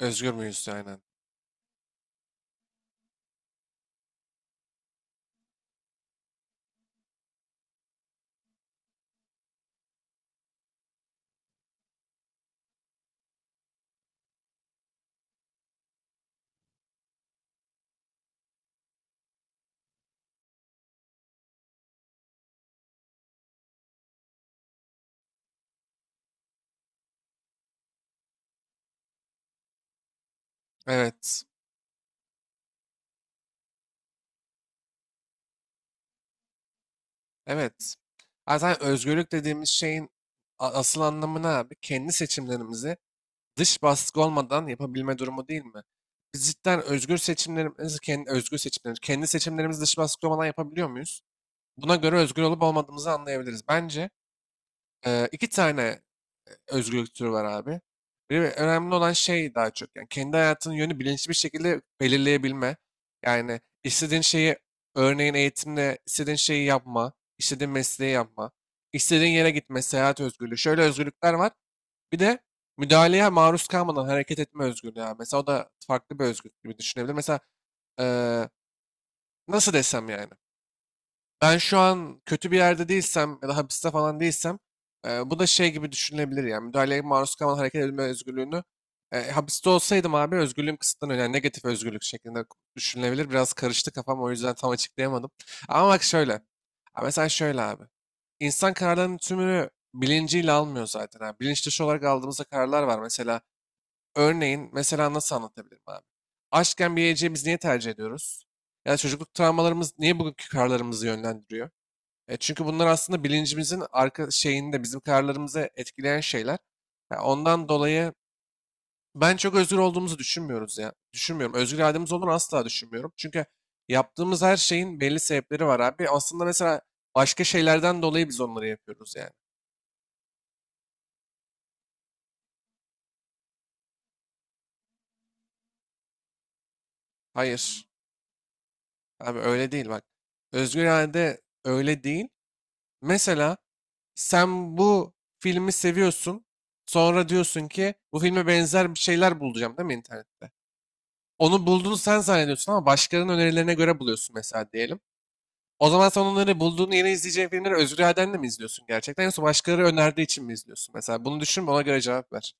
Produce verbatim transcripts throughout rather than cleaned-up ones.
Özgür müyüz aynen. Evet. Evet. Zaten özgürlük dediğimiz şeyin a- asıl anlamı ne abi? Kendi seçimlerimizi dış baskı olmadan yapabilme durumu değil mi? Biz cidden özgür seçimlerimizi, kendi, özgür seçimlerimizi, kendi seçimlerimizi dış baskı olmadan yapabiliyor muyuz? Buna göre özgür olup olmadığımızı anlayabiliriz. Bence e, iki tane özgürlükleri var abi. Bir önemli olan şey daha çok yani kendi hayatının yönü bilinçli bir şekilde belirleyebilme. Yani istediğin şeyi örneğin eğitimle istediğin şeyi yapma, istediğin mesleği yapma, istediğin yere gitme, seyahat özgürlüğü. Şöyle özgürlükler var. Bir de müdahaleye maruz kalmadan hareket etme özgürlüğü abi. Mesela o da farklı bir özgürlük gibi düşünebilir. Mesela eee, nasıl desem yani. Ben şu an kötü bir yerde değilsem ya da hapiste falan değilsem e, bu da şey gibi düşünülebilir yani müdahaleye maruz kalan hareket edilme özgürlüğünü e, hapiste olsaydım abi özgürlüğüm kısıtlanıyor yani negatif özgürlük şeklinde düşünülebilir. Biraz karıştı kafam o yüzden tam açıklayamadım. Ama bak şöyle, ha mesela şöyle abi, insan kararlarının tümünü bilinciyle almıyor zaten abi. Bilinç dışı olarak aldığımızda kararlar var mesela, örneğin mesela nasıl anlatabilirim abi? Aşkken bir yiyeceği biz niye tercih ediyoruz? Ya da çocukluk travmalarımız niye bugünkü kararlarımızı yönlendiriyor? E, çünkü bunlar aslında bilincimizin arka şeyinde bizim kararlarımızı etkileyen şeyler. Ya ondan dolayı ben çok özgür olduğumuzu düşünmüyoruz ya. Düşünmüyorum. Özgür irademiz olduğunu asla düşünmüyorum. Çünkü yaptığımız her şeyin belli sebepleri var abi. Aslında mesela başka şeylerden dolayı biz onları yapıyoruz yani. Hayır. Abi öyle değil bak. Özgür irade öyle değil. Mesela sen bu filmi seviyorsun. Sonra diyorsun ki bu filme benzer bir şeyler bulacağım değil mi internette? Onu bulduğunu sen zannediyorsun ama başkalarının önerilerine göre buluyorsun mesela diyelim. O zaman sen onları bulduğun yeni izleyeceğin filmleri özgür iradenle mi izliyorsun gerçekten yoksa başkaları önerdiği için mi izliyorsun? Mesela bunu düşün ona göre cevap ver.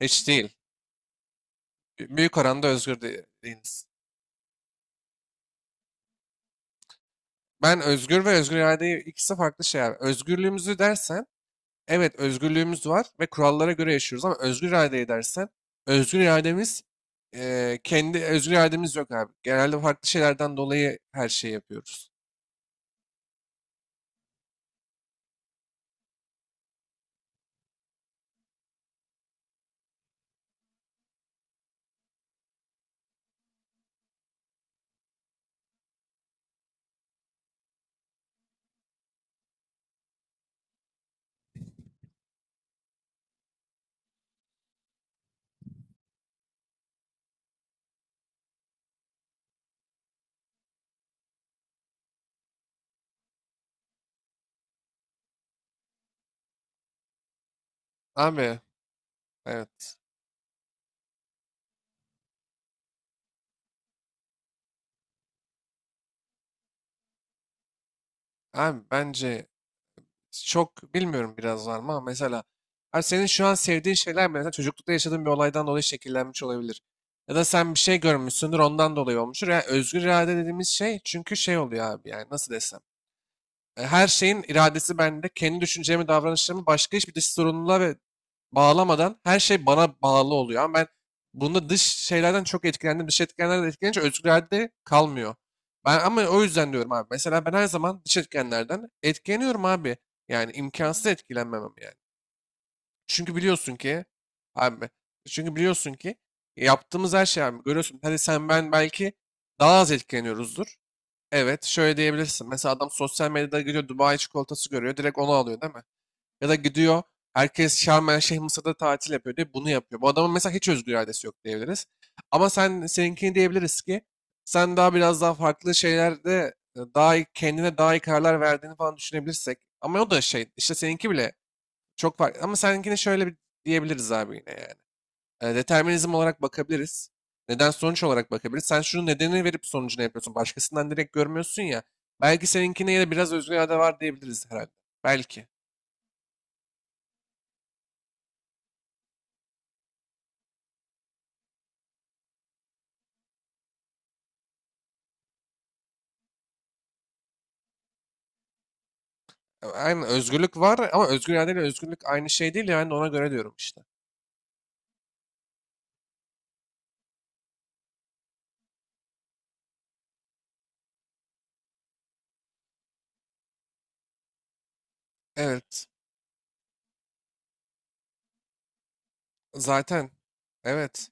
Hiç değil. Büyük oranda özgür de- değiliz. Ben özgür ve özgür irade ikisi farklı şeyler. Özgürlüğümüzü dersen evet özgürlüğümüz var ve kurallara göre yaşıyoruz ama özgür iradeyi dersen özgür irademiz, eee, kendi özgür irademiz yok abi. Genelde farklı şeylerden dolayı her şeyi yapıyoruz. Abi evet. Abi bence çok bilmiyorum biraz var mı ama mesela, abi senin şu an sevdiğin şeyler mesela çocuklukta yaşadığın bir olaydan dolayı şekillenmiş olabilir. Ya da sen bir şey görmüşsündür ondan dolayı olmuştur. Yani özgür irade dediğimiz şey çünkü şey oluyor abi yani nasıl desem. E, Her şeyin iradesi bende. Kendi düşüncemi, davranışlarımı başka hiçbir dış sorumluluğa ve bağlamadan her şey bana bağlı oluyor. Ama ben bunda dış şeylerden çok etkilendim. Dış etkenlerden etkilenince özgür irade kalmıyor. Ben ama o yüzden diyorum abi. Mesela ben her zaman dış etkenlerden etkileniyorum abi. Yani imkansız etkilenmemem yani. Çünkü biliyorsun ki abi Çünkü biliyorsun ki yaptığımız her şey abi görüyorsun. Hadi sen ben belki daha az etkileniyoruzdur. Evet, şöyle diyebilirsin. Mesela adam sosyal medyada gidiyor Dubai çikolatası görüyor. Direkt onu alıyor değil mi? Ya da gidiyor herkes Şarm El Şeyh Mısır'da tatil yapıyor diye bunu yapıyor. Bu adamın mesela hiç özgür iradesi yok diyebiliriz. Ama sen seninkini diyebiliriz ki sen daha biraz daha farklı şeylerde e, daha iyi, kendine daha iyi kararlar verdiğini falan düşünebilirsek. Ama o da şey işte seninki bile çok farklı. Ama seninkini şöyle bir diyebiliriz abi yine ya. E, determinizm olarak bakabiliriz. Neden sonuç olarak bakabiliriz. Sen şunun nedenini verip sonucunu yapıyorsun. Başkasından direkt görmüyorsun ya. Belki seninkine ya da biraz özgür irade var diyebiliriz herhalde. Belki. E, Aynen özgürlük var ama özgür irade ile özgürlük aynı şey değil ya. Ben de ona göre diyorum işte. Evet. Zaten. Evet.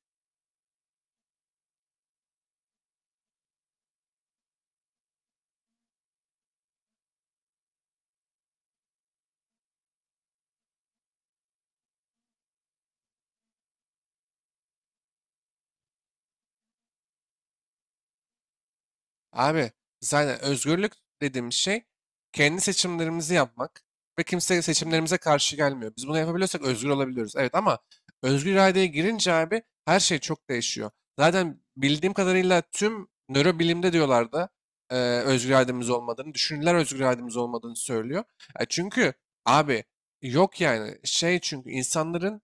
Abi zaten özgürlük dediğim şey kendi seçimlerimizi yapmak ve kimse seçimlerimize karşı gelmiyor. Biz bunu yapabiliyorsak özgür olabiliyoruz. Evet ama özgür iradeye girince abi her şey çok değişiyor. Zaten bildiğim kadarıyla tüm nörobilimde diyorlardı e, özgür irademiz olmadığını, düşünürler özgür irademiz olmadığını söylüyor. E, çünkü abi yok yani şey, çünkü insanların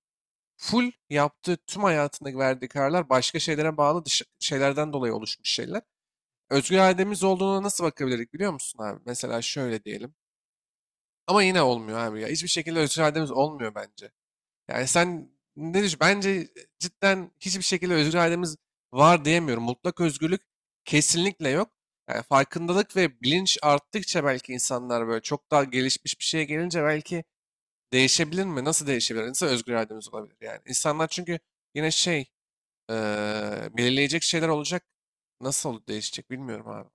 full yaptığı tüm hayatındaki verdiği kararlar başka şeylere bağlı dış- şeylerden dolayı oluşmuş şeyler, özgür irademiz olduğuna nasıl bakabilirdik biliyor musun abi? Mesela şöyle diyelim. Ama yine olmuyor abi ya. Hiçbir şekilde özgür irademiz olmuyor bence. Yani sen ne düşün? Bence cidden hiçbir şekilde özgür irademiz var diyemiyorum. Mutlak özgürlük kesinlikle yok. Yani farkındalık ve bilinç arttıkça belki insanlar böyle çok daha gelişmiş bir şeye gelince belki değişebilir mi? Nasıl değişebilir? Nasıl özgür irademiz olabilir yani? İnsanlar çünkü yine şey, eee, belirleyecek şeyler olacak. Nasıl değişecek bilmiyorum abi.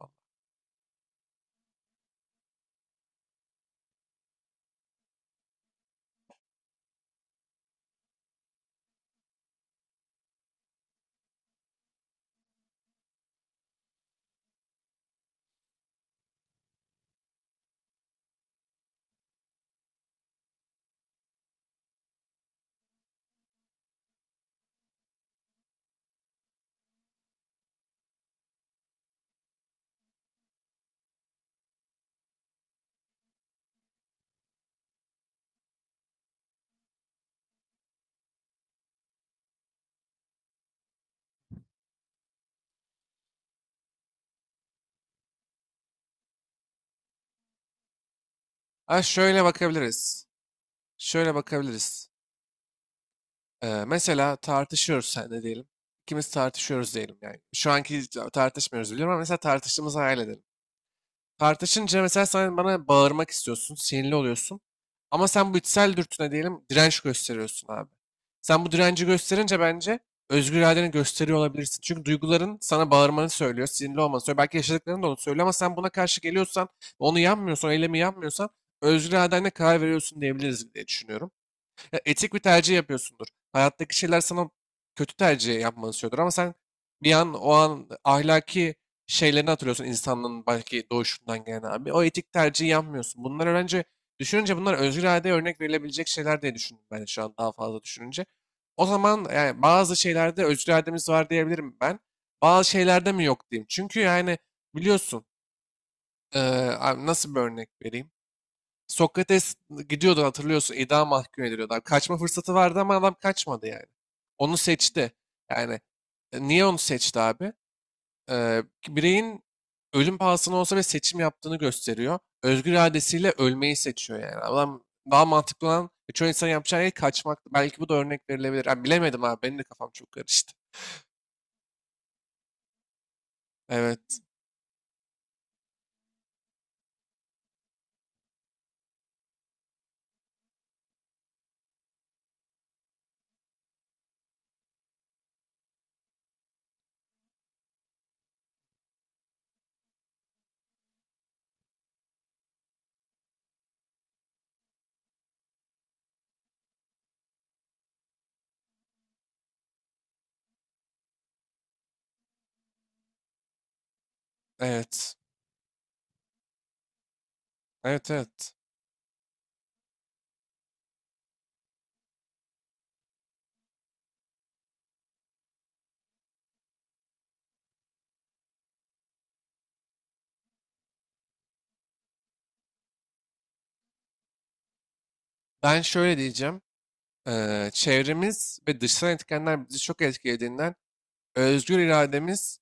Ha, şöyle bakabiliriz. Şöyle bakabiliriz. Ee, mesela tartışıyoruz sen diyelim. İkimiz tartışıyoruz diyelim yani. Şu anki tartışmıyoruz biliyorum ama mesela tartıştığımızı hayal edelim. Tartışınca mesela sen bana bağırmak istiyorsun, sinirli oluyorsun. Ama sen bu içsel dürtüne diyelim direnç gösteriyorsun abi. Sen bu direnci gösterince bence özgür iradeni gösteriyor olabilirsin. Çünkü duyguların sana bağırmanı söylüyor, sinirli olmanı söylüyor. Belki yaşadıkların da onu söylüyor ama sen buna karşı geliyorsan, onu yapmıyorsan, eylemi yapmıyorsan özgür iradenle karar veriyorsun diyebiliriz diye düşünüyorum, etik bir tercih yapıyorsundur. Hayattaki şeyler sana kötü tercih yapmanı istiyordur ama sen bir an o an ahlaki şeylerini hatırlıyorsun insanlığın belki doğuşundan gelen abi. O etik tercihi yapmıyorsun. Bunlar bence düşününce bunlar özgür iradeye örnek verilebilecek şeyler diye düşündüm ben şu an daha fazla düşününce. O zaman yani bazı şeylerde özgür irademiz var diyebilirim ben. Bazı şeylerde mi yok diyeyim. Çünkü yani biliyorsun, eee, abi nasıl bir örnek vereyim? Sokrates gidiyordu hatırlıyorsun, idam mahkum ediliyordu. Abi kaçma fırsatı vardı ama adam kaçmadı yani. Onu seçti. Yani e, niye onu seçti abi? Ee, bireyin ölüm pahasına olsa ve seçim yaptığını gösteriyor. Özgür iradesiyle ölmeyi seçiyor yani. Adam, daha mantıklı olan çoğu insan yapacağı şey kaçmak. Belki bu da örnek verilebilir. Ha, bilemedim abi benim de kafam çok karıştı. Evet, evet, evet, evet. Ben şöyle diyeceğim. Ee, çevremiz ve dışsal etkenler bizi çok etkilediğinden özgür irademiz,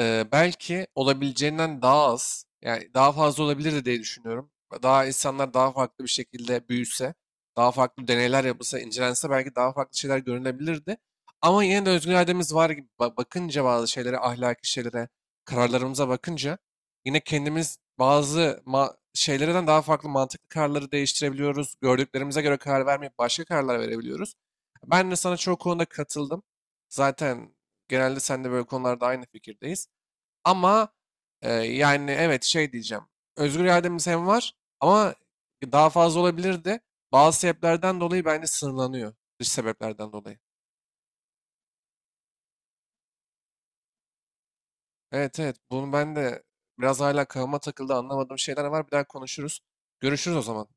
Eee, belki olabileceğinden daha az, yani daha fazla olabilirdi diye düşünüyorum. Daha insanlar daha farklı bir şekilde büyüse, daha farklı deneyler yapılsa, incelense belki daha farklı şeyler görünebilirdi. Ama yine de özgür irademiz var gibi ba- bakınca bazı şeylere, ahlaki şeylere, kararlarımıza bakınca yine kendimiz bazı ma şeylerden daha farklı mantıklı kararları değiştirebiliyoruz. Gördüklerimize göre karar vermeyip başka kararlar verebiliyoruz. Ben de sana çoğu konuda katıldım. Zaten genelde sen de böyle konularda aynı fikirdeyiz. Ama e, yani evet şey diyeceğim. Özgür irademiz hem var ama daha fazla olabilirdi. Bazı sebeplerden dolayı bence sınırlanıyor. Dış sebeplerden dolayı. Evet, evet, bunu ben de biraz hala kafama takıldı, anlamadığım şeyler var. Bir daha konuşuruz. Görüşürüz o zaman.